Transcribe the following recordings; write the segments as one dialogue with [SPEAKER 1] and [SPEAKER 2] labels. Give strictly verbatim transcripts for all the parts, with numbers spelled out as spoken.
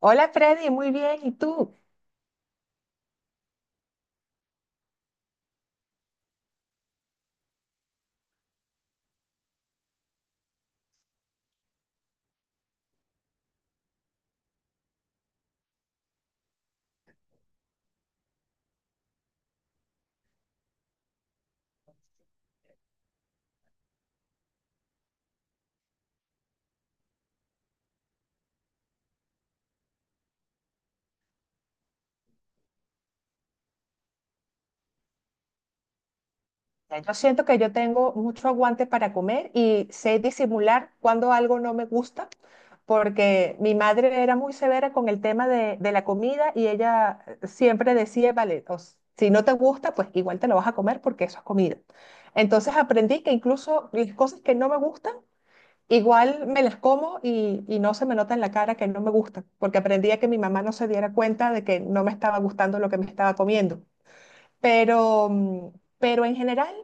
[SPEAKER 1] Hola Freddy, muy bien. ¿Y tú? Ya Yo siento que yo tengo mucho aguante para comer y sé disimular cuando algo no me gusta, porque mi madre era muy severa con el tema de, de la comida y ella siempre decía, vale, o s- si no te gusta, pues igual te lo vas a comer porque eso es comida. Entonces aprendí que incluso las cosas que no me gustan, igual me las como y, y no se me nota en la cara que no me gustan, porque aprendí a que mi mamá no se diera cuenta de que no me estaba gustando lo que me estaba comiendo. Pero, mm, pero en general,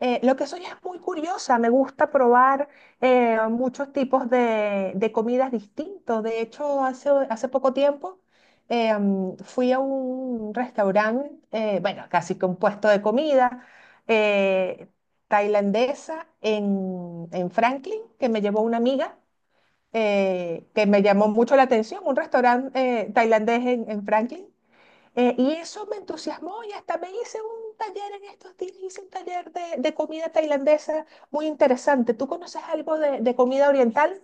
[SPEAKER 1] eh, lo que soy es muy curiosa. Me gusta probar eh, muchos tipos de, de comidas distintos. De hecho, hace, hace poco tiempo eh, mm, fui a un restaurante, eh, bueno, casi que un puesto de comida eh, tailandesa en, en Franklin, que me llevó una amiga, eh, que me llamó mucho la atención, un restaurante eh, tailandés en en Franklin. Eh, y eso me entusiasmó y hasta me hice un taller en estos días, hice un taller de, de comida tailandesa muy interesante. ¿Tú conoces algo de, de comida oriental?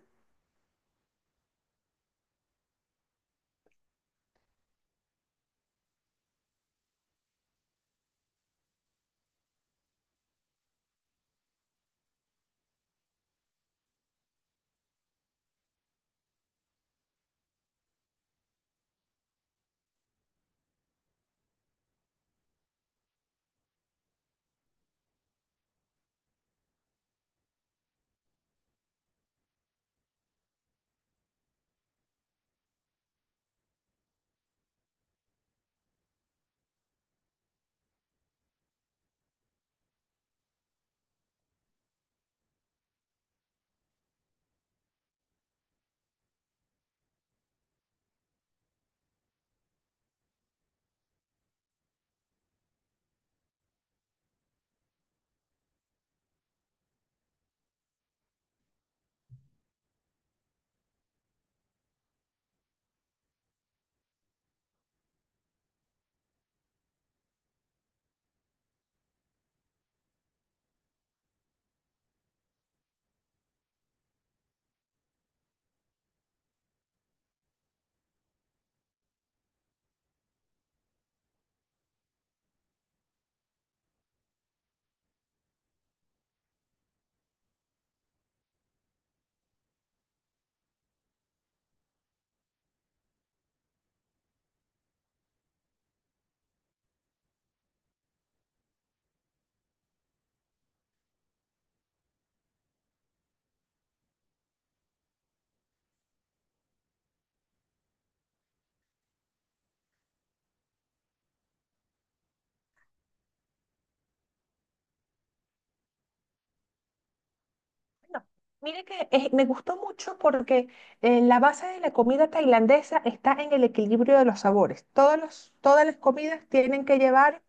[SPEAKER 1] No. Mire que eh, me gustó mucho porque eh, la base de la comida tailandesa está en el equilibrio de los sabores. Todos los- todas las comidas tienen que llevar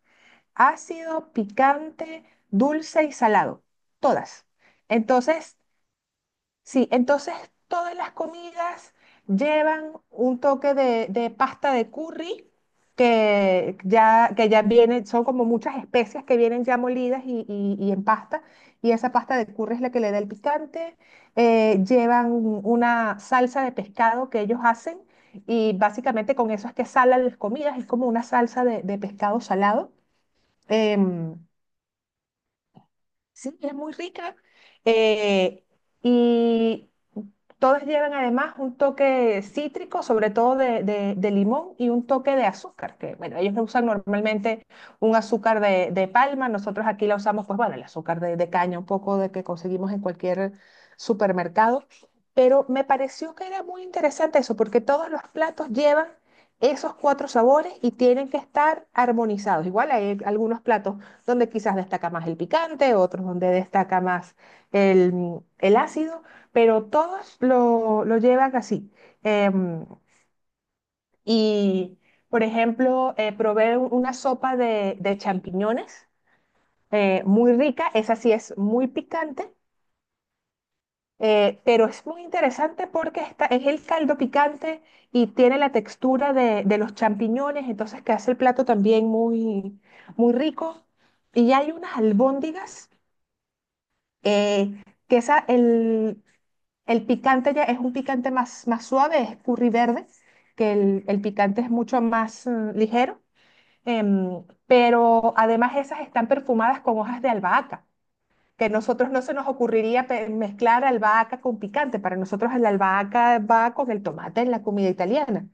[SPEAKER 1] ácido, picante, dulce y salado. Todas. Entonces, Sí, entonces todas las comidas llevan un toque de, de pasta de curry que ya, que ya viene, son como muchas especias que vienen ya molidas y, y- y en pasta, y esa pasta de curry es la que le da el picante. Eh, llevan una salsa de pescado que ellos hacen y básicamente con eso es que salan las comidas, es como una salsa de, de pescado salado. Em, Sí, es muy rica. eh, y Todas llevan además un toque cítrico, sobre todo de, de- de limón y un toque de azúcar, que bueno, ellos no usan normalmente un azúcar de, de palma, nosotros aquí la usamos, pues bueno, el azúcar de, de caña, un poco de que conseguimos en cualquier supermercado. Pero me pareció que era muy interesante eso, porque todos los platos llevan esos cuatro sabores y tienen que estar armonizados. Igual hay algunos platos donde quizás destaca más el picante, otros donde destaca más el, el ácido, pero todos lo, lo llevan así. Em, y, por ejemplo, eh, probé un- una sopa de, de champiñones eh, muy rica, esa sí es muy picante. Eh, pero es muy interesante porque está, es el caldo picante y tiene la textura de, de los champiñones, entonces que hace el plato también muy, muy rico. Y hay unas albóndigas eh, que esa, el, el picante ya es un picante más, más suave, es curry verde, que el, el picante es mucho más eh, ligero, em, pero además esas están perfumadas con hojas de albahaca, que a nosotros no se nos ocurriría pe- mezclar albahaca con picante, para nosotros la albahaca va con el tomate en la comida italiana.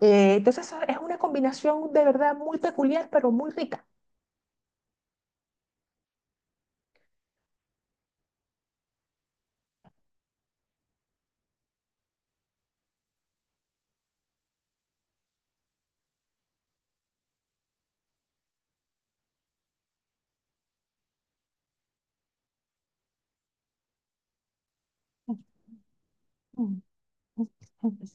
[SPEAKER 1] Eh, entonces eso es una combinación de verdad muy peculiar, pero muy rica.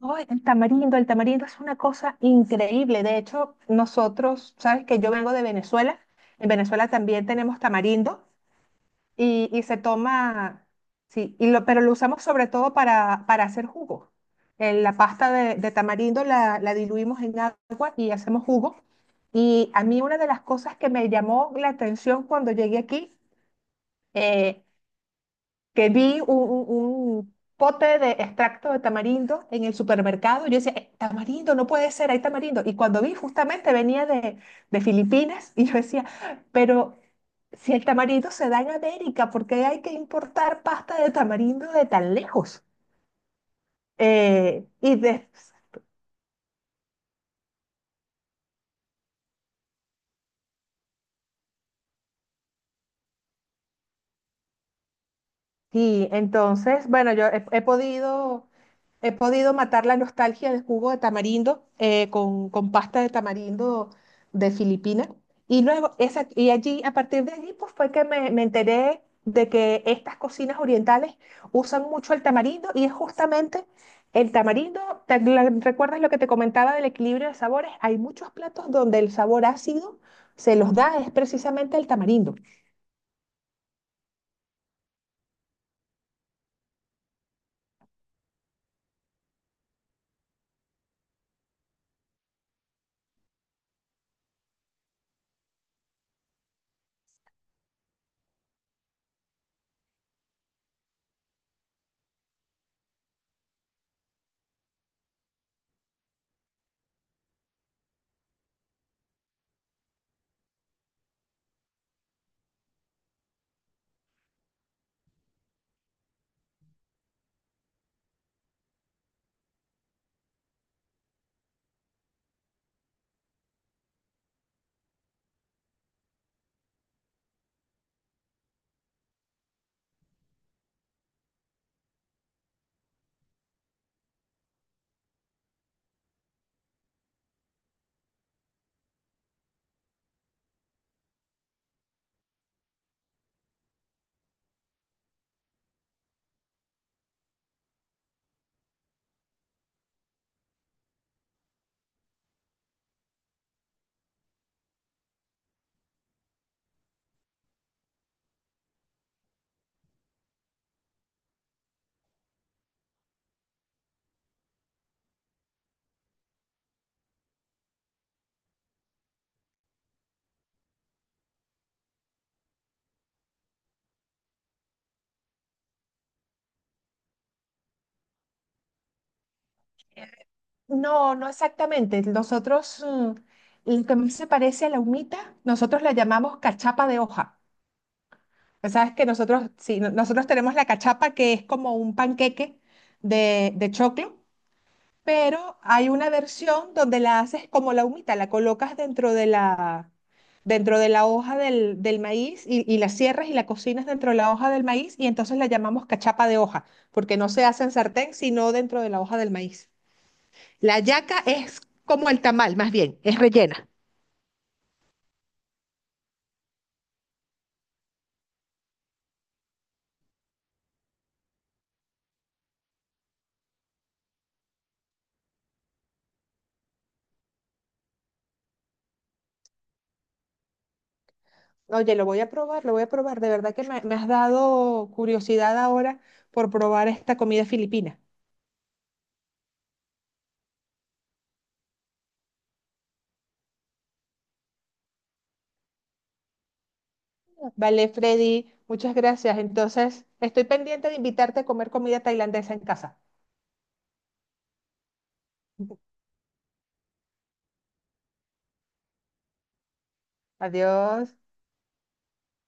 [SPEAKER 1] Oh, el tamarindo, el tamarindo es una cosa increíble. De hecho, nosotros, sabes que yo vengo de Venezuela. En Venezuela también tenemos tamarindo y, y se toma, sí, y lo, pero lo usamos sobre todo para, para hacer jugo. En la pasta de, de tamarindo la, la diluimos en agua y hacemos jugo. Y a mí una de las cosas que me llamó la atención cuando llegué aquí eh, que vi un, un- un pote de extracto de tamarindo en el supermercado. Yo decía, "Eh, tamarindo, no puede ser, hay tamarindo". Y cuando vi, justamente venía de, de Filipinas y yo decía, pero si el tamarindo se da en América, ¿por qué hay que importar pasta de tamarindo de tan lejos? Eh, y, de- y entonces, bueno, yo he, he podido... He podido matar la nostalgia del jugo de tamarindo eh, con, con pasta de tamarindo de Filipinas. Y luego, esa, y allí, a partir de allí, pues fue que me, me enteré de que estas cocinas orientales usan mucho el tamarindo y es justamente el tamarindo. ¿Te la- ¿Recuerdas lo que te comentaba del equilibrio de sabores? Hay muchos platos donde el sabor ácido se los da es precisamente el tamarindo. No, no exactamente. Nosotros, mm, lo que más se parece a la humita, nosotros la llamamos cachapa de hoja. Pues sabes que nosotros, sí, no- nosotros tenemos la cachapa que es como un panqueque de, de choclo, pero hay una versión donde la haces como la humita, la colocas dentro de la, dentro de la hoja del, del maíz y, y la cierras y la cocinas dentro de la hoja del maíz y entonces la llamamos cachapa de hoja, porque no se hace en sartén, sino dentro de la hoja del maíz. La yaca es como el tamal, más bien, es rellena. Oye, lo voy a probar, lo voy a probar. De verdad que me, me has dado curiosidad ahora por probar esta comida filipina. Vale, Freddy, muchas gracias. Entonces, estoy pendiente de invitarte a comer comida tailandesa en casa. Adiós.